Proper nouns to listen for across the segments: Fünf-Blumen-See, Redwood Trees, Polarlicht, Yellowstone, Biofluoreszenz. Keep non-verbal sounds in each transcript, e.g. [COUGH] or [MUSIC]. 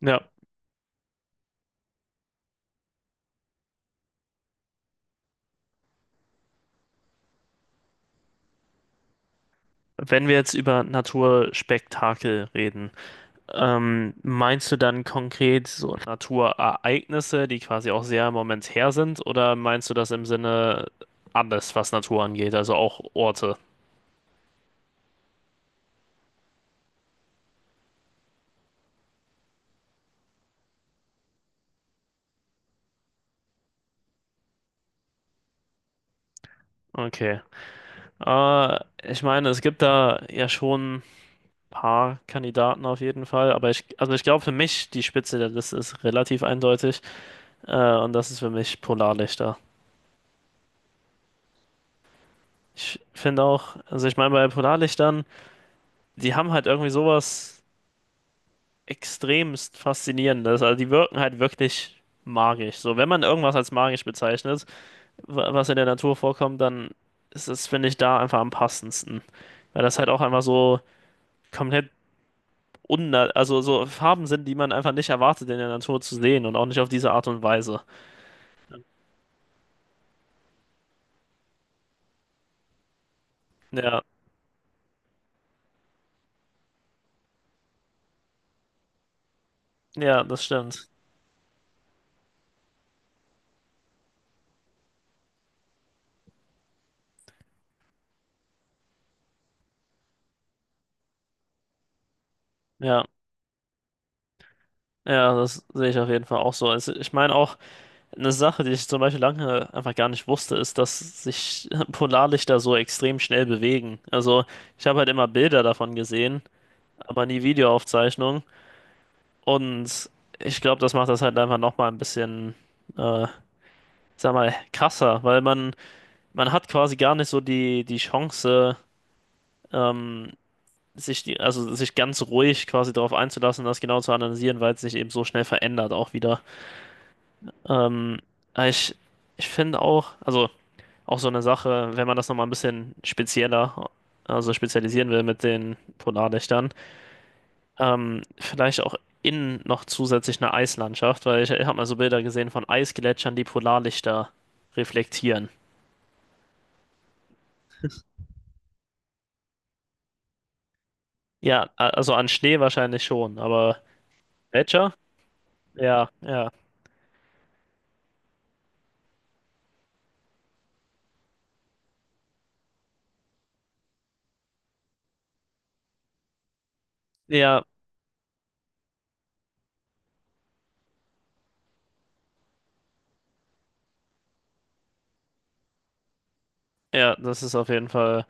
Ja, wenn wir jetzt über Naturspektakel reden, meinst du dann konkret so Naturereignisse, die quasi auch sehr momentär sind, oder meinst du das im Sinne alles, was Natur angeht, also auch Orte? Okay. Äh, Ich meine, es gibt da ja schon ein paar Kandidaten auf jeden Fall, aber also ich glaube für mich, die Spitze der Liste ist relativ eindeutig, und das ist für mich Polarlichter. Ich finde auch, also ich meine, bei Polarlichtern, die haben halt irgendwie sowas extremst Faszinierendes. Also die wirken halt wirklich magisch. So, wenn man irgendwas als magisch bezeichnet, was in der Natur vorkommt, dann ist es, finde ich, da einfach am passendsten. Weil das halt auch einfach so komplett unna also so Farben sind, die man einfach nicht erwartet, in der Natur zu sehen und auch nicht auf diese Art und Weise. Ja, ja, das stimmt. Ja, ja, das sehe ich auf jeden Fall auch so. Es, ich meine auch. Eine Sache, die ich zum Beispiel lange einfach gar nicht wusste, ist, dass sich [LAUGHS] Polarlichter so extrem schnell bewegen. Also ich habe halt immer Bilder davon gesehen, aber nie Videoaufzeichnungen. Und ich glaube, das macht das halt einfach nochmal ein bisschen, äh, sag mal, krasser, weil man hat quasi gar nicht so die Chance, ähm, sich also sich ganz ruhig quasi darauf einzulassen, das genau zu analysieren, weil es sich eben so schnell verändert auch wieder. Ähm, aber ich finde auch, also. Auch so eine Sache, wenn man das nochmal ein bisschen spezieller, also spezialisieren will mit den Polarlichtern, vielleicht auch innen noch zusätzlich eine Eislandschaft, weil ich habe mal so Bilder gesehen von Eisgletschern, die Polarlichter reflektieren. Ja, also an Schnee wahrscheinlich schon, aber Gletscher? Ja, ja, ja, ja, das ist auf jeden Fall,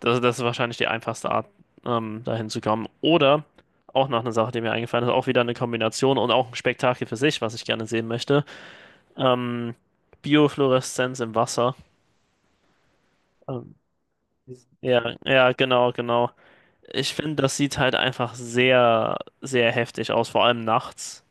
das ist wahrscheinlich die einfachste Art, dahin zu kommen. Oder auch noch eine Sache, die mir eingefallen ist, auch wieder eine Kombination und auch ein Spektakel für sich, was ich gerne sehen möchte. Ähm, Biofluoreszenz im Wasser. Ähm, ja, ja, genau, genau. Ich finde, das sieht halt einfach sehr, sehr heftig aus, vor allem nachts.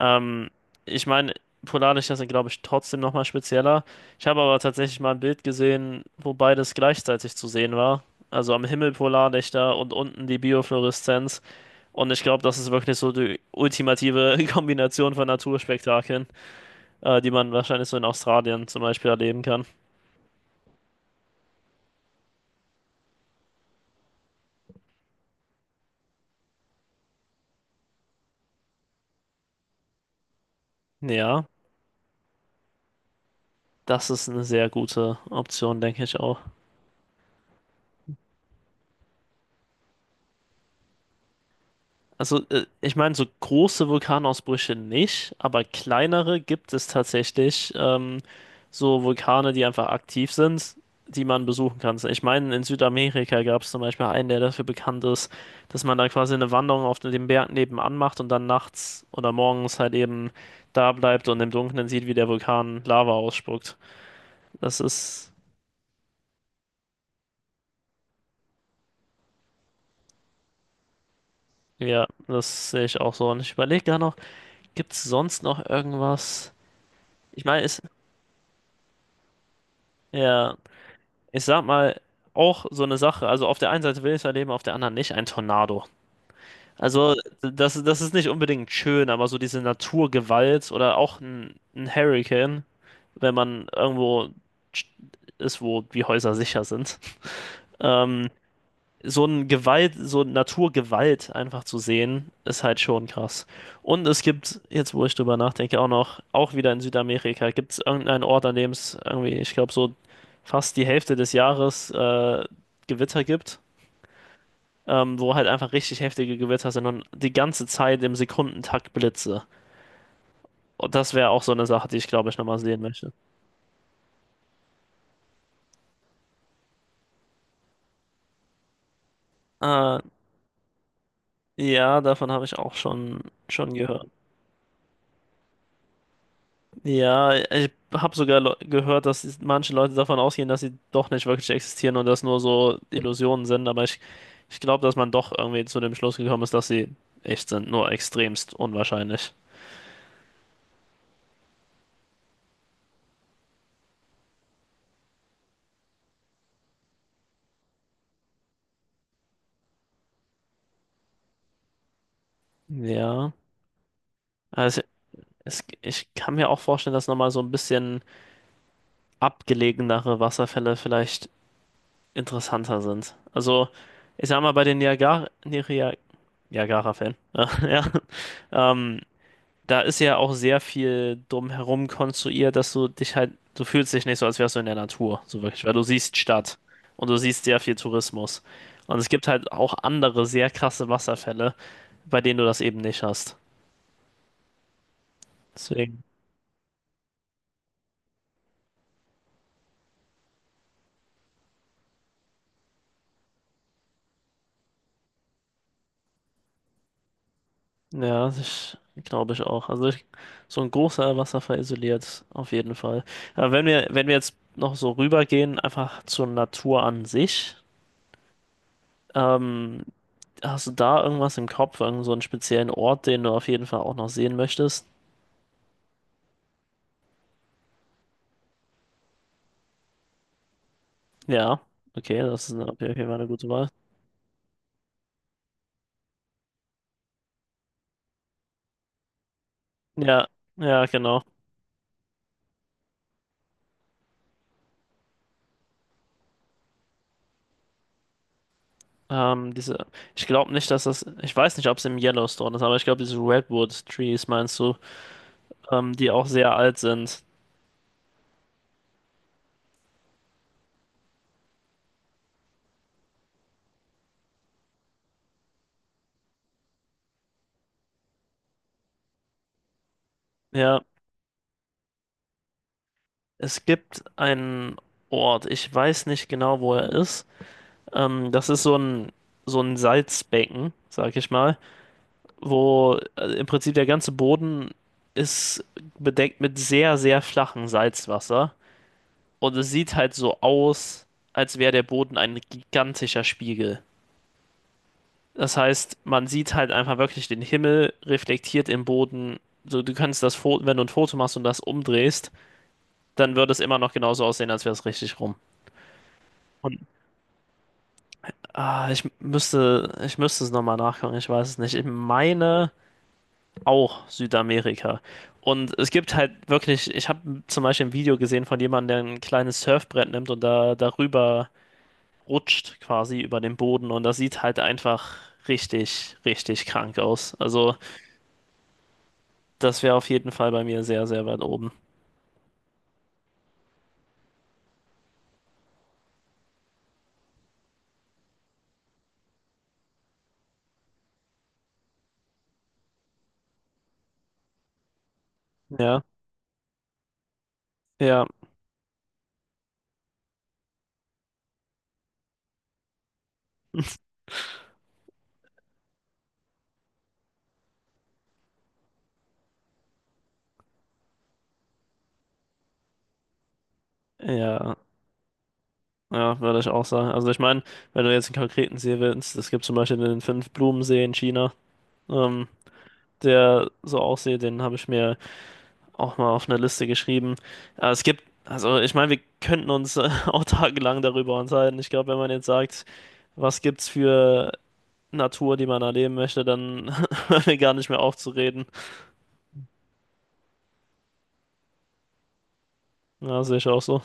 Ähm, ich meine, Polarlichter sind, glaube ich, trotzdem nochmal spezieller. Ich habe aber tatsächlich mal ein Bild gesehen, wo beides gleichzeitig zu sehen war. Also am Himmel Polarlichter und unten die Biofluoreszenz. Und ich glaube, das ist wirklich so die ultimative [LAUGHS] Kombination von Naturspektakeln, die man wahrscheinlich so in Australien zum Beispiel erleben kann. Ja. Das ist eine sehr gute Option, denke ich auch. Also, ich meine, so große Vulkanausbrüche nicht, aber kleinere gibt es tatsächlich. So Vulkane, die einfach aktiv sind, die man besuchen kann. So, ich meine, in Südamerika gab es zum Beispiel einen, der dafür bekannt ist, dass man da quasi eine Wanderung auf dem Berg nebenan macht und dann nachts oder morgens halt eben da bleibt und im Dunkeln sieht, wie der Vulkan Lava ausspuckt. Das ist, ja, das sehe ich auch so. Und ich überlege gerade noch. Gibt's sonst noch irgendwas? Ich meine, ist, ja, ich sag mal, auch so eine Sache, also auf der einen Seite will ich es erleben, auf der anderen nicht, ein Tornado. Also, das, das ist nicht unbedingt schön, aber so diese Naturgewalt oder auch ein Hurricane, wenn man irgendwo ist, wo die Häuser sicher sind. Ähm, so ein Gewalt, so Naturgewalt einfach zu sehen, ist halt schon krass. Und es gibt, jetzt wo ich drüber nachdenke, auch noch, auch wieder in Südamerika, gibt es irgendeinen Ort, an dem es irgendwie, ich glaube, so fast die Hälfte des Jahres Gewitter gibt, wo halt einfach richtig heftige Gewitter sind und die ganze Zeit im Sekundentakt Blitze. Und das wäre auch so eine Sache, die ich glaube ich nochmal sehen möchte. Äh, ja, davon habe ich auch schon gehört. Ja, ich habe sogar gehört, dass manche Leute davon ausgehen, dass sie doch nicht wirklich existieren und das nur so Illusionen sind, aber ich glaube, dass man doch irgendwie zu dem Schluss gekommen ist, dass sie echt sind, nur extremst unwahrscheinlich. Ja, also es, ich kann mir auch vorstellen, dass nochmal so ein bisschen abgelegenere Wasserfälle vielleicht interessanter sind. Also, ich sag mal, bei den Niagara-Fällen, [LAUGHS] ja, ja, ähm, da ist ja auch sehr viel drumherum konstruiert, dass du dich halt, du fühlst dich nicht so, als wärst du in der Natur, so wirklich, weil du siehst Stadt und du siehst sehr viel Tourismus. Und es gibt halt auch andere sehr krasse Wasserfälle, bei denen du das eben nicht hast. Deswegen, ja, ich glaube ich auch. Also ich, so ein großer Wasserfall isoliert, auf jeden Fall. Aber wenn wir jetzt noch so rübergehen, einfach zur Natur an sich, ähm, hast du da irgendwas im Kopf, irgend so einen speziellen Ort, den du auf jeden Fall auch noch sehen möchtest? Ja, okay, das ist eine, okay, okay, war eine gute Wahl. Ja, ja, genau. Ähm, diese, ich glaube nicht, dass das, ich weiß nicht, ob es im Yellowstone ist, aber ich glaube, diese Redwood Trees meinst du, die auch sehr alt sind. Ja, es gibt einen Ort, ich weiß nicht genau, wo er ist. Das ist so ein Salzbecken, sag ich mal, wo im Prinzip der ganze Boden ist bedeckt mit sehr, sehr flachem Salzwasser. Und es sieht halt so aus, als wäre der Boden ein gigantischer Spiegel. Das heißt, man sieht halt einfach wirklich den Himmel reflektiert im Boden. So, du kannst das Foto, wenn du ein Foto machst und das umdrehst, dann würde es immer noch genauso aussehen, als wäre es richtig rum. Und ah, ich müsste es nochmal nachgucken, ich weiß es nicht. Ich meine auch Südamerika. Und es gibt halt wirklich, ich habe zum Beispiel ein Video gesehen von jemandem, der ein kleines Surfbrett nimmt und da darüber rutscht quasi über den Boden und das sieht halt einfach richtig, richtig krank aus. Also, das wäre auf jeden Fall bei mir sehr, sehr weit oben. Ja, ja, ja, ja, würde ich auch sagen. Also, ich meine, wenn du jetzt einen konkreten See willst, es gibt zum Beispiel den Fünf-Blumen-See in China, ähm, der so aussieht, den habe ich mir auch mal auf eine Liste geschrieben. Es gibt, also, ich meine, wir könnten uns [LAUGHS] auch tagelang darüber unterhalten. Ich glaube, wenn man jetzt sagt, was gibt's für Natur, die man erleben möchte, dann [LAUGHS] hört mir gar nicht mehr auf zu reden. Ja, sehe ich auch so.